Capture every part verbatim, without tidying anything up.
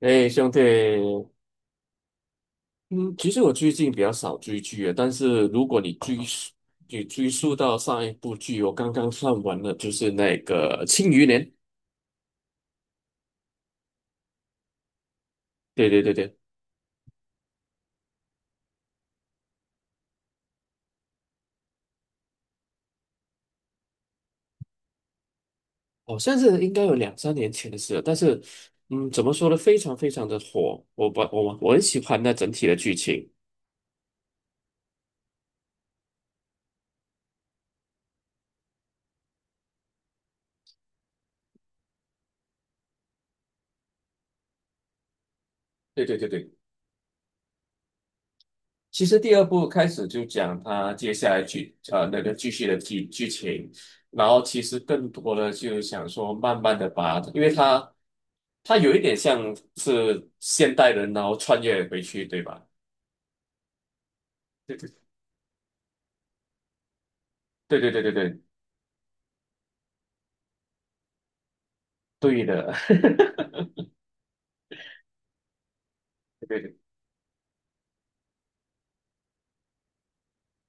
哎，兄弟，嗯，其实我最近比较少追剧了，但是如果你追溯，你追溯到上一部剧，我刚刚看完了，就是那个《庆余年》。对对对对，好像是应该有两三年前的事了，但是，嗯，怎么说呢，非常非常的火，我把我我很喜欢那整体的剧情。对对对对。其实第二部开始就讲他接下来剧呃那个继续的剧剧情，然后其实更多的就想说慢慢的把，因为他他有一点像是现代人，然后穿越回去，对吧？对对对对对对对对的，对对对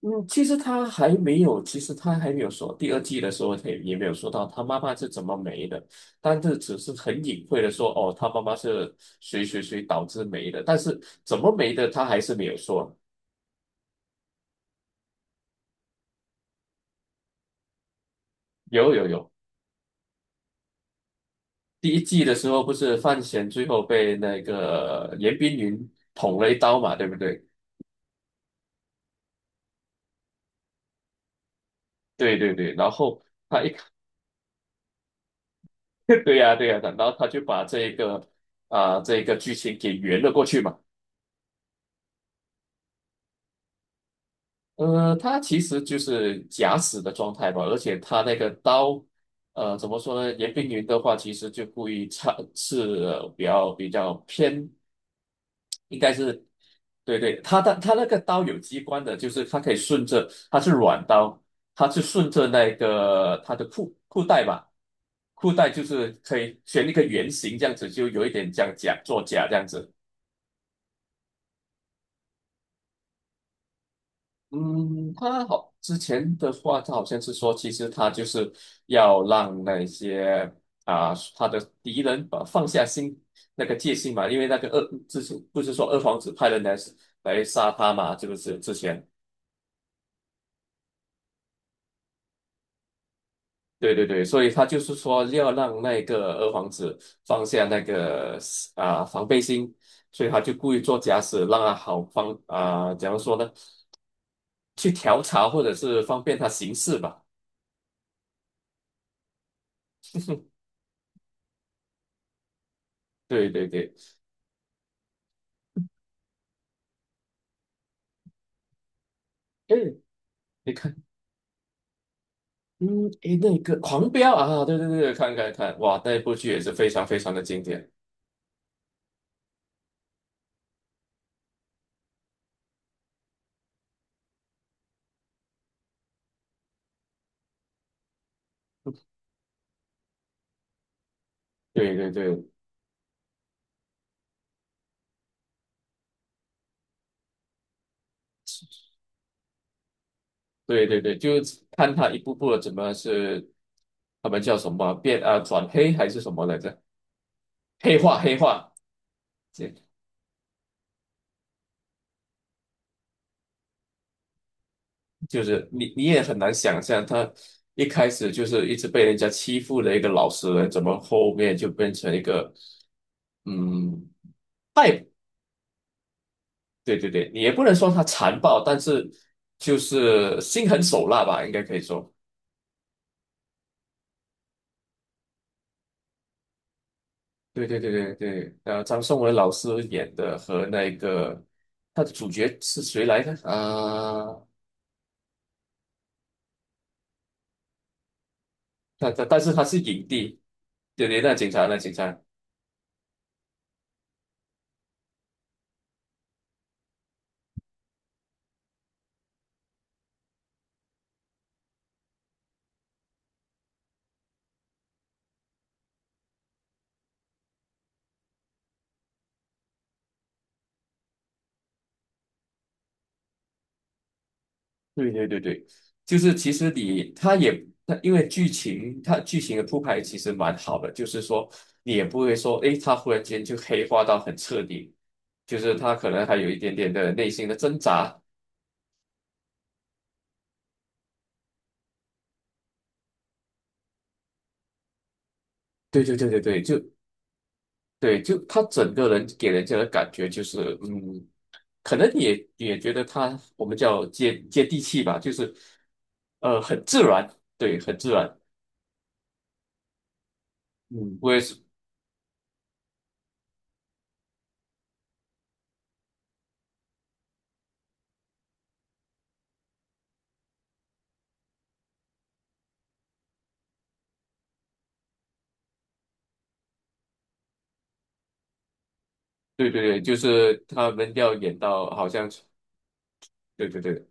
嗯，其实他还没有，其实他还没有说第二季的时候，他也也没有说到他妈妈是怎么没的，但是只是很隐晦的说，哦，他妈妈是谁谁谁导致没的，但是怎么没的，他还是没有说。有有有，第一季的时候不是范闲最后被那个严冰云捅了一刀嘛，对不对？对对对，然后 对呀、对呀、然后他就把这个啊、这个剧情给圆了过去嘛。呃，他其实就是假死的状态吧，而且他那个刀，呃，怎么说呢？严冰云的话，其实就故意插是比较比较偏，应该是，对对，他的他那个刀有机关的，就是它可以顺着，它是软刀，它是顺着那个他的裤裤带吧，裤带就是可以选一个圆形这样子，就有一点像假作假这样子。嗯，他好，之前的话，他好像是说，其实他就是要让那些啊、他的敌人把放下心那个戒心嘛，因为那个二之前不是说二皇子派人来来杀他嘛，这个是之前，对对对，所以他就是说要让那个二皇子放下那个啊、防备心，所以他就故意做假死，让他好方啊、怎样说呢？去调查或者是方便他行事吧，对对对。哎你看，嗯，诶，那个《狂飙》啊，对对对，看看看，哇，那一部剧也是非常非常的经典。对对对对对对，就是看他一步步的怎么是他们叫什么变啊转黑还是什么来着？黑化黑化，这就是你你也很难想象，他一开始就是一直被人家欺负的一个老实人，怎么后面就变成一个嗯，对对对，你也不能说他残暴，但是就是心狠手辣吧，应该可以说。对对对对对，呃，张颂文老师演的和那个他的主角是谁来着？啊、他他但是他是影帝，对对，那警察那警察，对对对对，就是其实你他也他因为剧情他剧情的铺排其实蛮好的，就是说你也不会说诶，他忽然间就黑化到很彻底，就是他可能还有一点点的内心的挣扎。对对对对对，就对，就他整个人给人家的感觉就是，嗯，可能你也你也觉得他我们叫接接地气吧，就是，呃，很自然，对，很自然。嗯，我也是，对对对，就是他们要演到好像，对对对。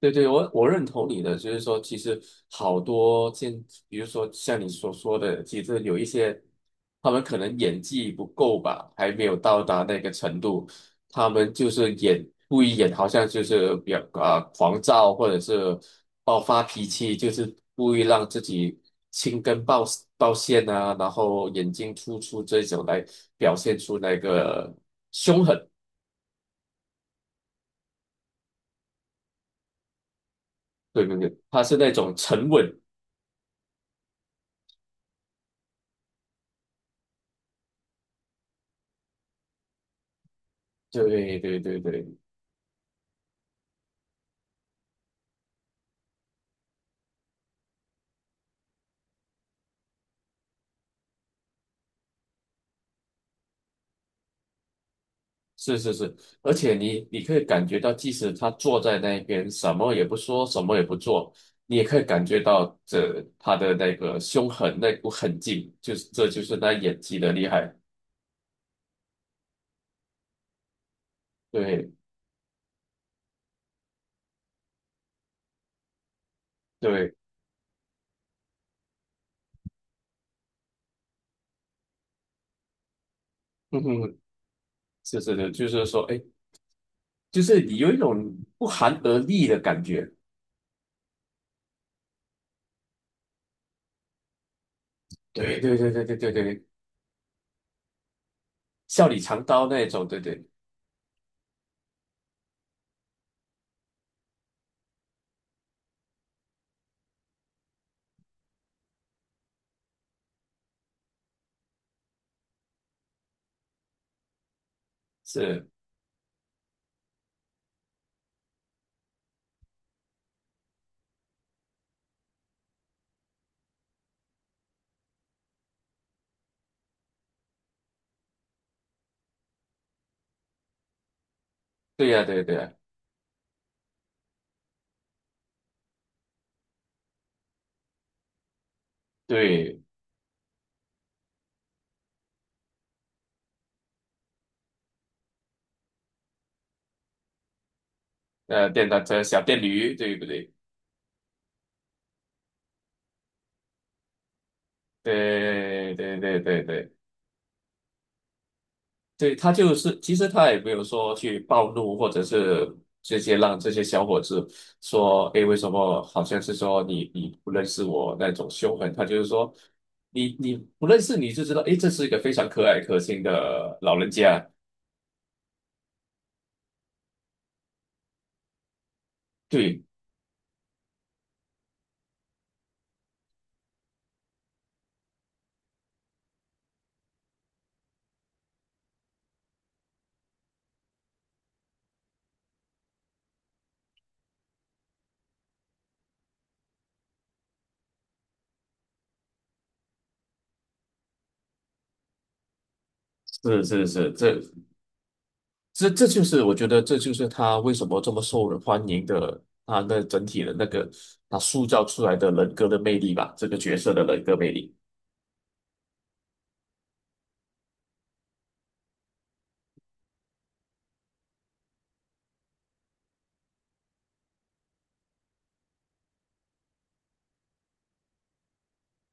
对对，我我认同你的，就是说，其实好多现，比如说像你所说的，其实有一些他们可能演技不够吧，还没有到达那个程度，他们就是演故意演，好像就是比较啊、狂躁或者是爆发脾气，就是故意让自己青筋暴暴现啊，然后眼睛突出这种来表现出那个凶狠。对对对，他是那种沉稳。对对对对。是是是，而且你你可以感觉到，即使他坐在那边，什么也不说，什么也不做，你也可以感觉到这他的那个凶狠那股狠劲，就是这就是他演技的厉害。对对，嗯哼，是是的，就是说，哎，就是你有一种不寒而栗的感觉。对对对对对对对，笑里藏刀那种，对对是，对呀、对对呀、对，呃，电单车小电驴，对不对？对对对对对。对，他就是，其实他也没有说去暴怒，或者是直接让这些小伙子说，诶，为什么好像是说你你不认识我那种凶狠，他就是说，你你不认识你就知道，诶，这是一个非常可爱可亲的老人家。对，是是是，这这这就是我觉得这就是他为什么这么受人欢迎的，他那整体的那个他塑造出来的人格的魅力吧，这个角色的人格魅力。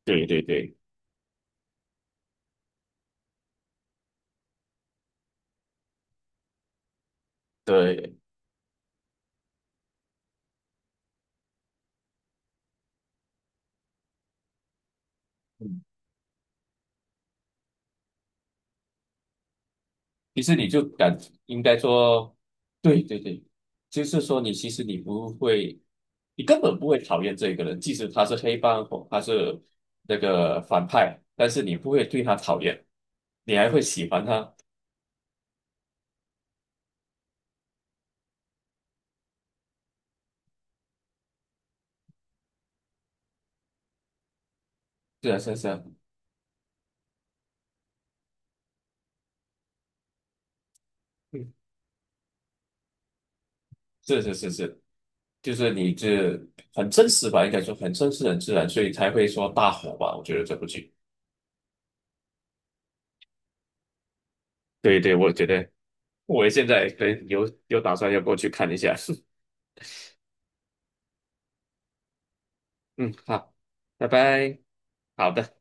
对对对，对。其实你就感应该说，对对对，就是说你其实你不会，你根本不会讨厌这个人，即使他是黑帮或他是那个反派，但是你不会对他讨厌，你还会喜欢他。是啊，是啊，是啊，嗯，是是是是，就是你这很真实吧，应该说很真实、很自然，所以才会说大火吧。我觉得这部剧，对对，我觉得我现在可能有有打算要过去看一下。嗯，好，拜拜，好的。